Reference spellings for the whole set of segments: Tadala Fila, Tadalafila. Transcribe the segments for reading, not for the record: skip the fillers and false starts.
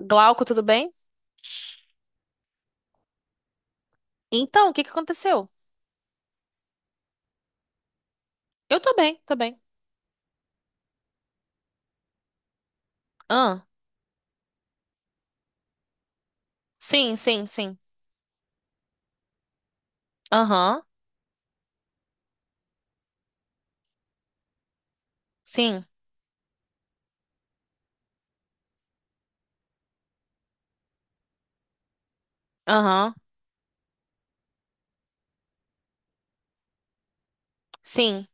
Glauco, tudo bem? Então, o que que aconteceu? Eu tô bem, tô bem. Ah, sim, sim, sim. Aham, sim. Aham, sim.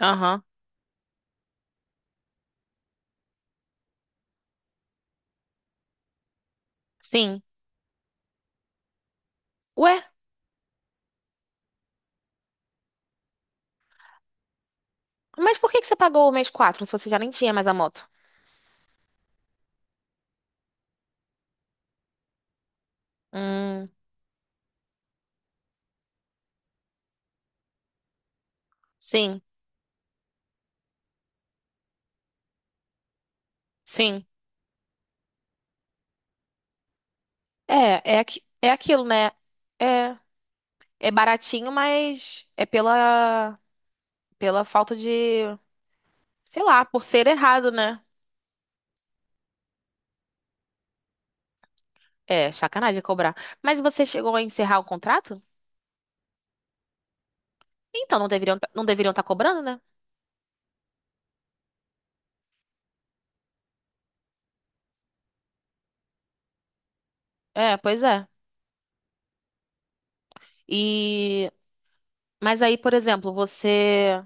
Aham, sim. Ué, mas por que que você pagou o mês 4 se você já nem tinha mais a moto? Hum, sim, sim. É, é, aqui, é aquilo, né? É, é baratinho, mas é pela falta de, sei lá, por ser errado, né? É, sacanagem cobrar. Mas você chegou a encerrar o contrato? Então, não deveriam, não deveriam estar cobrando, né? É, pois é. E mas aí, por exemplo, você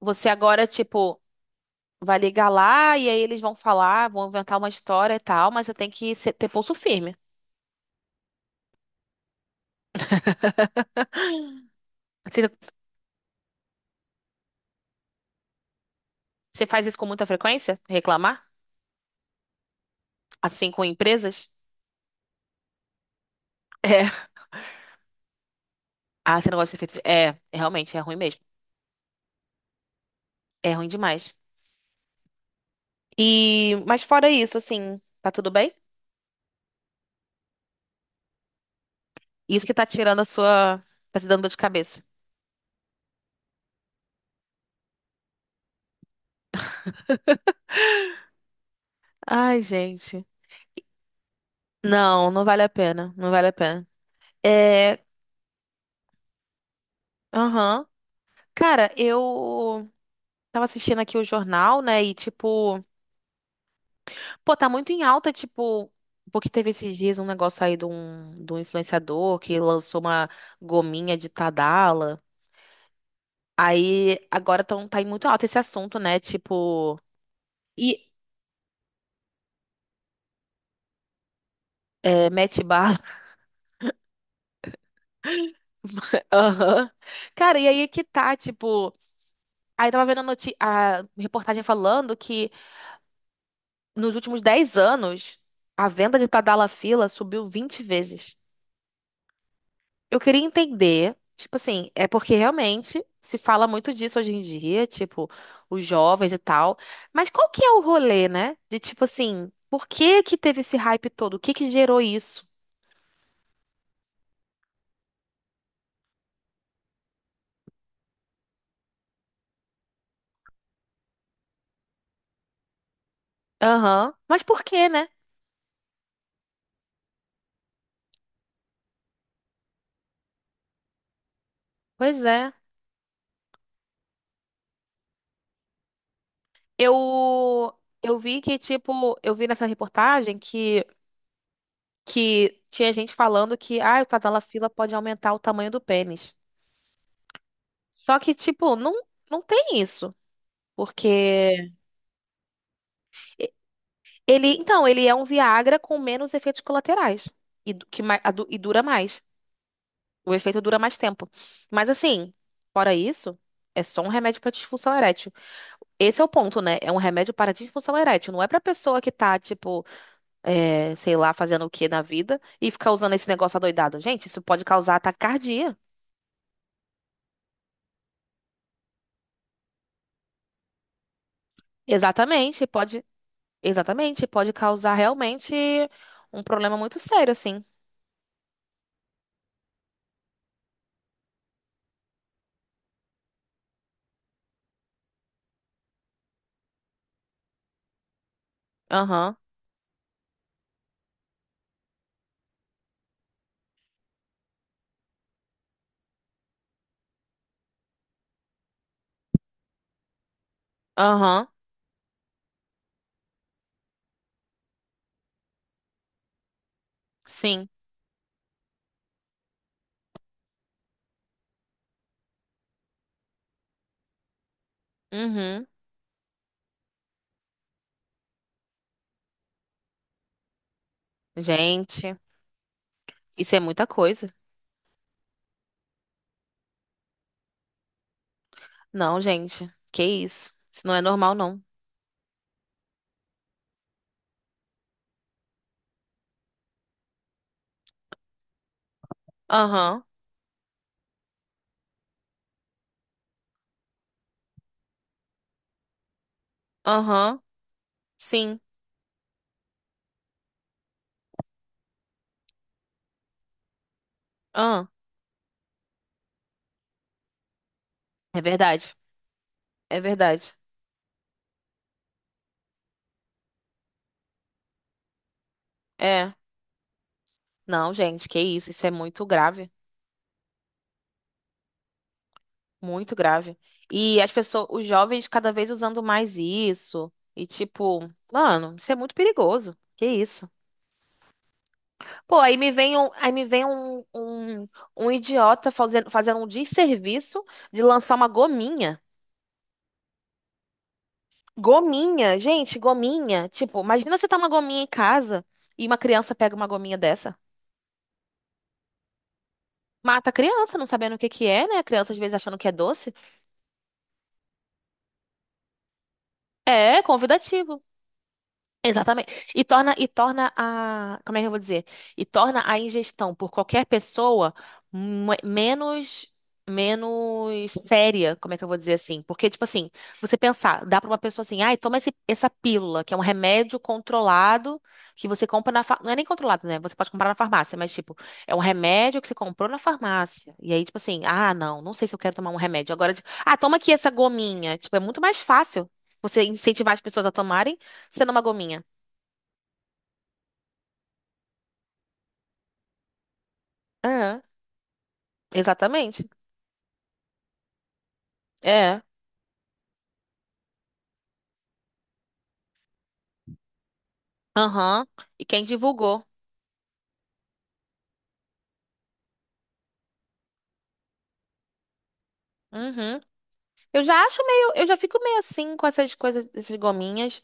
você agora tipo vai ligar lá e aí eles vão falar, vão inventar uma história e tal, mas você tem que ter pulso firme. Você, você faz isso com muita frequência? Reclamar? Assim com empresas? É. Ah, você não gosta de ser feito. É, realmente é ruim mesmo. É ruim demais. E mas fora isso, assim, tá tudo bem? Isso que tá tirando a sua, tá te dando dor de cabeça. Ai, gente. Não, não vale a pena. Não vale a pena. É, aham. Cara, eu tava assistindo aqui o jornal, né? E tipo, pô, tá muito em alta, tipo, porque teve esses dias um negócio aí de um influenciador que lançou uma gominha de Tadala. Aí agora tá em muito alta esse assunto, né? Tipo, e é, mete bala. Aham. Cara, e aí que tá, tipo. Aí tava vendo a reportagem falando que nos últimos 10 anos a venda de Tadala Fila subiu 20 vezes. Eu queria entender, tipo assim, é porque realmente se fala muito disso hoje em dia, tipo, os jovens e tal. Mas qual que é o rolê, né? De tipo assim, por que que teve esse hype todo? O que que gerou isso? Aham. Mas por quê, né? Pois é. Eu eu vi que tipo, eu vi nessa reportagem que tinha gente falando que ah, o Tadalafila pode aumentar o tamanho do pênis. Só que tipo, não tem isso, porque ele, então, ele é um Viagra com menos efeitos colaterais e, du- que, ma- a du- e dura mais. O efeito dura mais tempo. Mas assim, fora isso, é só um remédio para disfunção erétil. Esse é o ponto, né? É um remédio para disfunção erétil. Não é pra pessoa que tá, tipo, é, sei lá, fazendo o que na vida e ficar usando esse negócio adoidado. Gente, isso pode causar taquicardia. Exatamente, pode. Exatamente, pode causar realmente um problema muito sério, assim. Aham, aham, sim. Uhum. Gente, isso é muita coisa. Não, gente, que isso? Isso não é normal, não. Aham, aham, sim, ah. É verdade, é verdade. É, não, gente, que isso? Isso é muito grave, muito grave. E as pessoas, os jovens cada vez usando mais isso. E tipo, mano, isso é muito perigoso. Que isso? Pô, aí me vem um, aí me vem um, um, um idiota fazendo um desserviço de lançar uma gominha. Gominha, gente, gominha. Tipo, imagina você tá uma gominha em casa e uma criança pega uma gominha dessa. Mata a criança, não sabendo o que que é, né? A criança às vezes achando que é doce. É, convidativo. Exatamente. E torna a, como é que eu vou dizer? E torna a ingestão por qualquer pessoa me- menos menos séria, como é que eu vou dizer assim? Porque, tipo assim, você pensar, dá pra uma pessoa assim, ai, toma essa pílula, que é um remédio controlado que você compra não é nem controlado, né? Você pode comprar na farmácia, mas, tipo, é um remédio que você comprou na farmácia. E aí, tipo assim, ah, não, não sei se eu quero tomar um remédio. Agora, tipo, ah, toma aqui essa gominha. Tipo, é muito mais fácil você incentivar as pessoas a tomarem sendo uma gominha. É, exatamente. É. Aham. E quem divulgou? Uhum. Eu já acho meio, eu já fico meio assim com essas coisas, essas gominhas,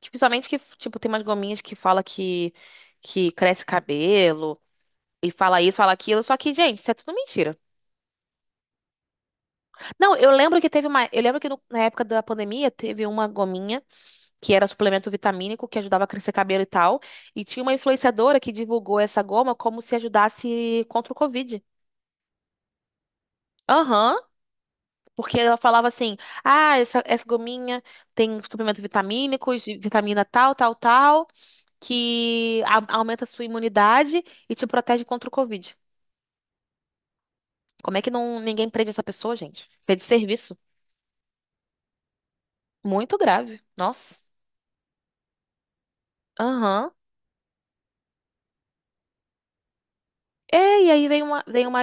que principalmente que, tipo, tem umas gominhas que fala que cresce cabelo e fala isso, fala aquilo, só que, gente, isso é tudo mentira. Não, eu lembro que teve uma, eu lembro que na época da pandemia teve uma gominha que era suplemento vitamínico que ajudava a crescer cabelo e tal, e tinha uma influenciadora que divulgou essa goma como se ajudasse contra o Covid. Aham. Porque ela falava assim: ah, essa gominha tem suplemento vitamínicos, de vitamina tal, tal, tal, que aumenta a sua imunidade e te protege contra o Covid. Como é que não, ninguém prende essa pessoa, gente? Isso é de serviço. Muito grave. Nossa. Aham. É, e aí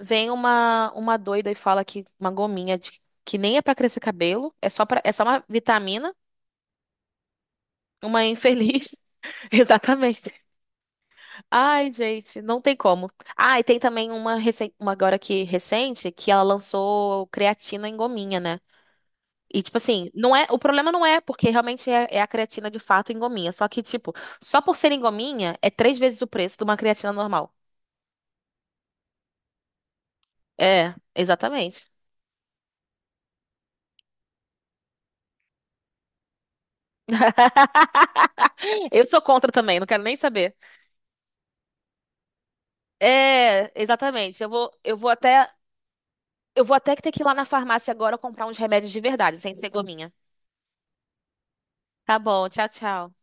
vem uma doida e fala que uma gominha que nem é pra crescer cabelo, é só uma vitamina, uma infeliz. Exatamente. Ai, gente, não tem como. Ah, e tem também uma agora que recente que ela lançou creatina em gominha, né? E tipo assim, não é, o problema não é porque realmente é a creatina de fato em gominha, só que tipo, só por ser em gominha é 3 vezes o preço de uma creatina normal. É, exatamente. Eu sou contra também, não quero nem saber. É, exatamente. Eu vou até ter que ir lá na farmácia agora comprar uns remédios de verdade, sem ser gominha. Tá bom, tchau, tchau.